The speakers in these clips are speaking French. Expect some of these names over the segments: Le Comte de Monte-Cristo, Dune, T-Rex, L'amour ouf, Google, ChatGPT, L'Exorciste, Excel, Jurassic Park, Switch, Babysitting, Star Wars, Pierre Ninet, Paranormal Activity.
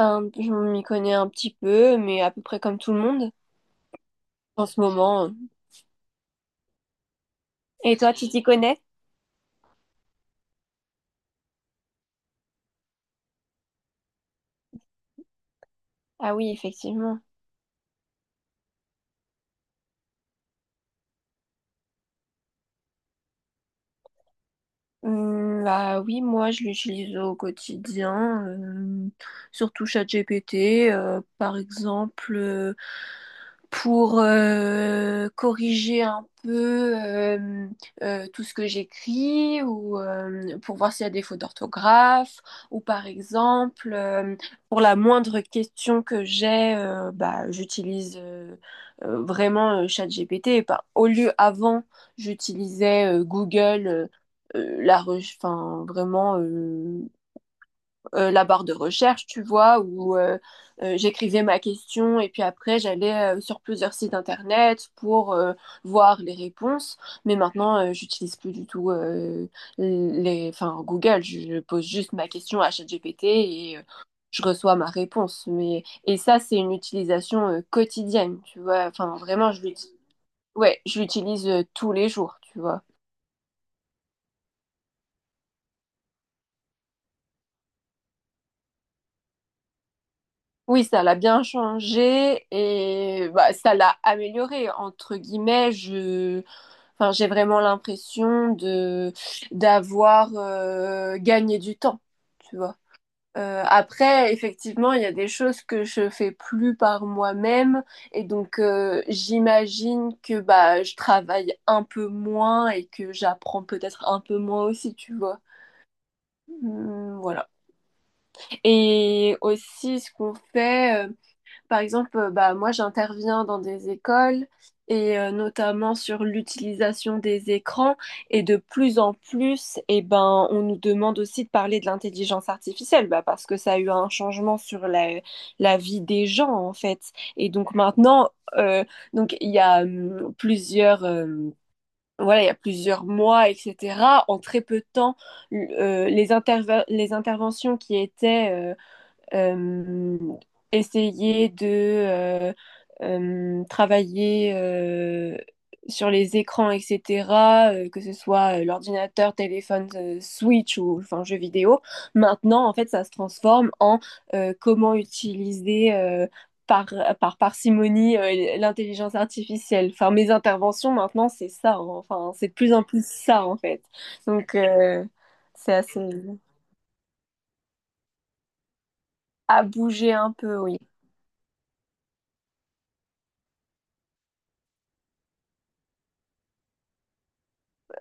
Je m'y connais un petit peu, mais à peu près comme tout le monde en ce moment. Et toi, tu t'y connais? Ah oui, effectivement. Bah oui, moi je l'utilise au quotidien, surtout ChatGPT, par exemple, pour corriger un peu tout ce que j'écris ou pour voir s'il y a des fautes d'orthographe ou par exemple, pour la moindre question que j'ai, bah, j'utilise vraiment ChatGPT. Bah, au lieu avant, j'utilisais Google enfin, vraiment la barre de recherche, tu vois, où j'écrivais ma question et puis après j'allais sur plusieurs sites internet pour voir les réponses. Mais maintenant, j'utilise plus du tout les, enfin, Google. Je pose juste ma question à ChatGPT et je reçois ma réponse. Mais et ça, c'est une utilisation quotidienne, tu vois. Enfin, vraiment, je l'utilise, ouais, je l'utilise tous les jours, tu vois. Oui, ça l'a bien changé et bah, ça l'a amélioré, entre guillemets. Je... Enfin, j'ai vraiment l'impression de d'avoir gagné du temps, tu vois. Après, effectivement, il y a des choses que je fais plus par moi-même et donc j'imagine que bah je travaille un peu moins et que j'apprends peut-être un peu moins aussi, tu vois. Voilà. Et aussi, ce qu'on fait. Par exemple, bah, moi j'interviens dans des écoles et notamment sur l'utilisation des écrans et de plus en plus, eh ben, on nous demande aussi de parler de l'intelligence artificielle bah, parce que ça a eu un changement sur la vie des gens en fait. Et donc maintenant, euh, donc, il y a voilà, il y a plusieurs mois, etc. En très peu de temps, les les interventions qui étaient euh, essayer de travailler sur les écrans, etc., que ce soit l'ordinateur, téléphone, Switch ou enfin jeux vidéo. Maintenant, en fait, ça se transforme en comment utiliser par, par parcimonie l'intelligence artificielle. Enfin, mes interventions maintenant, c'est ça. Hein. Enfin, c'est de plus en plus ça, en fait. Donc, c'est assez à bouger un peu, oui.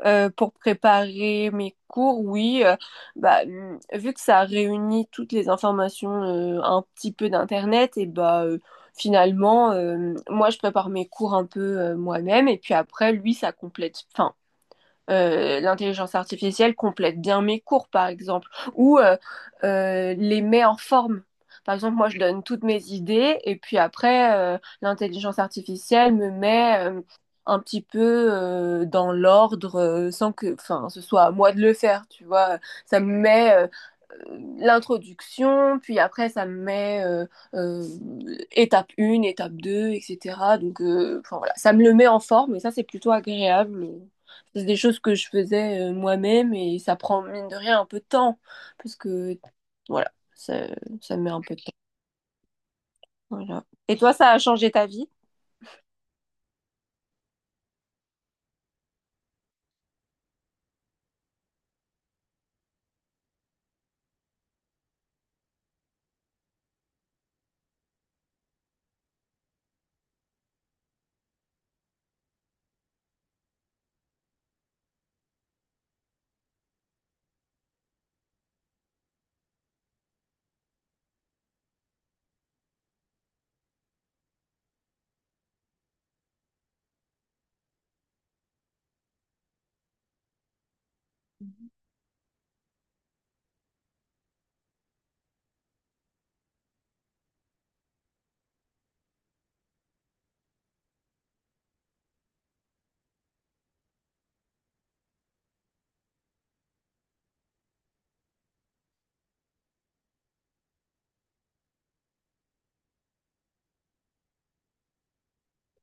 Pour préparer mes cours, oui, bah, vu que ça réunit toutes les informations un petit peu d'Internet, et bah finalement, moi je prépare mes cours un peu moi-même, et puis après, lui, ça complète. Enfin, l'intelligence artificielle complète bien mes cours, par exemple, ou les met en forme. Par exemple, moi, je donne toutes mes idées et puis après, l'intelligence artificielle me met un petit peu dans l'ordre sans que, enfin, ce soit à moi de le faire, tu vois. Ça me met l'introduction, puis après, ça me met euh, étape 1, étape 2, etc. Donc, enfin, voilà, ça me le met en forme et ça, c'est plutôt agréable. C'est des choses que je faisais moi-même et ça prend, mine de rien, un peu de temps. Parce que, voilà, ça met un peu de temps. Voilà. Et toi, ça a changé ta vie?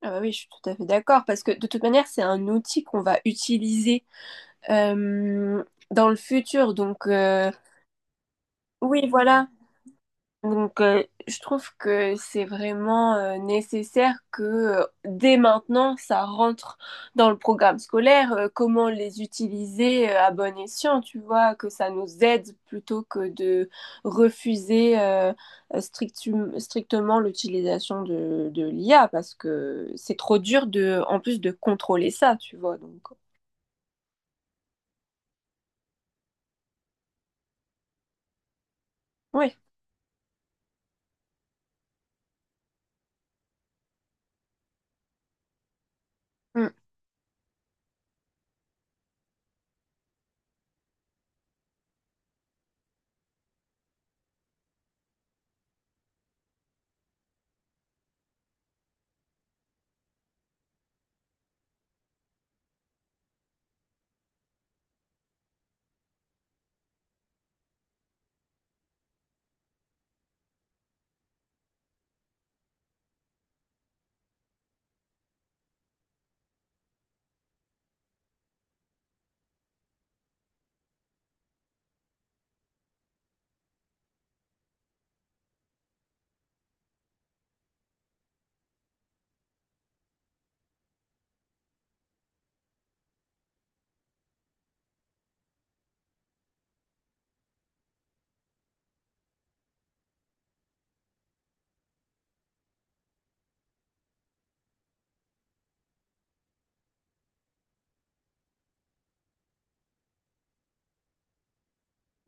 Ah bah oui, je suis tout à fait d'accord. Parce que de toute manière, c'est un outil qu'on va utiliser euh, dans le futur. Donc, oui, voilà. Donc, je trouve que c'est vraiment nécessaire que dès maintenant, ça rentre dans le programme scolaire, comment les utiliser à bon escient, tu vois, que ça nous aide plutôt que de refuser strictement l'utilisation de l'IA, parce que c'est trop dur de, en plus de contrôler ça, tu vois. Donc, oui, Mm.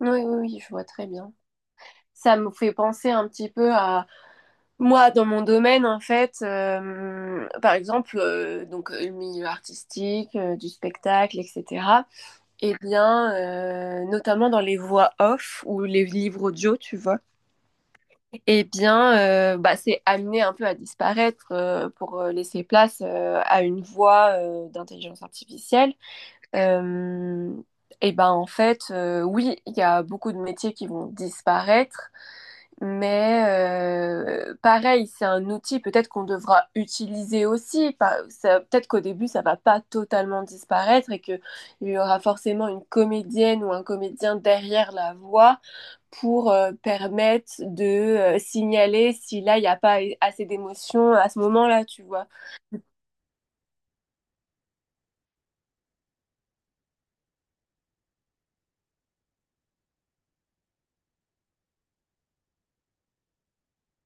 Oui, oui, oui, je vois très bien. Ça me fait penser un petit peu à Moi, dans mon domaine, en fait, par exemple, donc le milieu artistique, du spectacle, etc. Eh bien, notamment dans les voix off ou les livres audio, tu vois. Eh bien, bah, c'est amené un peu à disparaître pour laisser place à une voix d'intelligence artificielle. Euh, eh ben, en fait, oui, il y a beaucoup de métiers qui vont disparaître. Mais pareil, c'est un outil peut-être qu'on devra utiliser aussi. Peut-être qu'au début, ça va pas totalement disparaître et qu'il y aura forcément une comédienne ou un comédien derrière la voix pour permettre de signaler si là, il n'y a pas assez d'émotion à ce moment-là, tu vois.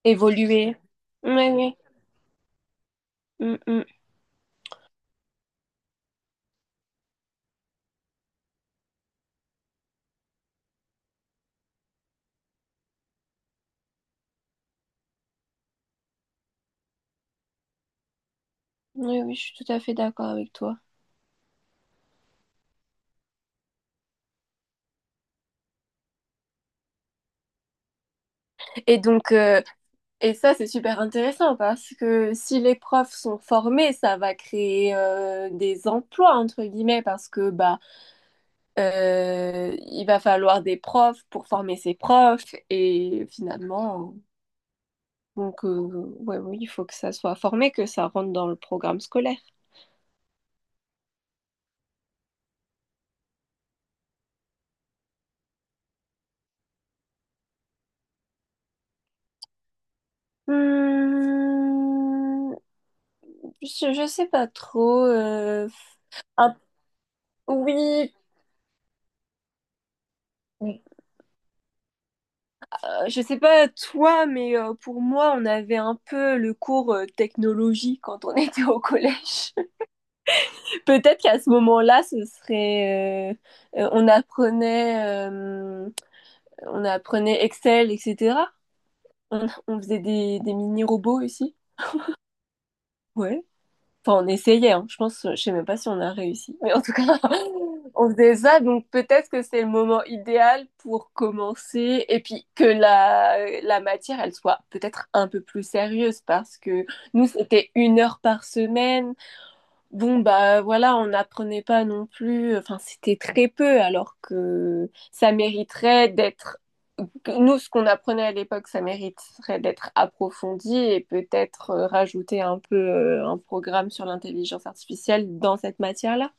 Évoluer. Oui, oui. Mm, mm. Oui, oui, je suis tout à fait d'accord avec toi. Et donc, Et ça, c'est super intéressant parce que si les profs sont formés, ça va créer des emplois, entre guillemets, parce que bah, il va falloir des profs pour former ces profs. Et finalement, donc, ouais, oui, il faut que ça soit formé, que ça rentre dans le programme scolaire. Hmm, je sais pas trop. Un- oui, je sais pas toi, mais pour moi, on avait un peu le cours technologie quand on était au collège. Peut-être qu'à ce moment-là, ce serait, on apprenait Excel, etc. On faisait des mini-robots aussi. Ouais. Enfin, on essayait, hein. Je pense, je sais même pas si on a réussi. Mais en tout cas, on faisait ça. Donc peut-être que c'est le moment idéal pour commencer. Et puis que la matière, elle soit peut-être un peu plus sérieuse parce que nous, c'était 1 heure par semaine. Bon, bah voilà, on n'apprenait pas non plus, enfin c'était très peu alors que ça mériterait d'être, que nous ce qu'on apprenait à l'époque, ça mériterait d'être approfondi et peut-être rajouter un peu un programme sur l'intelligence artificielle dans cette matière-là.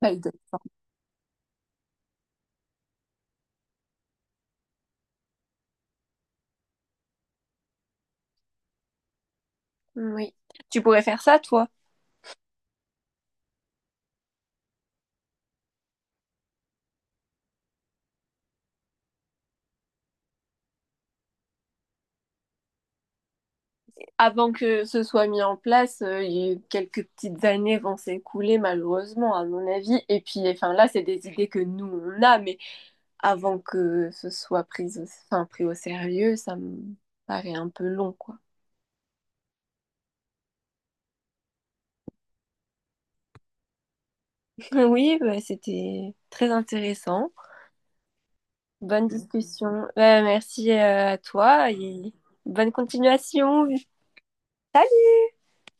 Pas exactement. Oui. Tu pourrais faire ça, toi. Avant que ce soit mis en place, quelques petites années vont s'écouler, malheureusement, à mon avis. Et puis, enfin, là, c'est des idées que nous, on a, mais avant que ce soit pris au, enfin, pris au sérieux, ça me paraît un peu long, quoi. Oui, bah, c'était très intéressant. Bonne discussion. Bah, merci à toi et bonne continuation.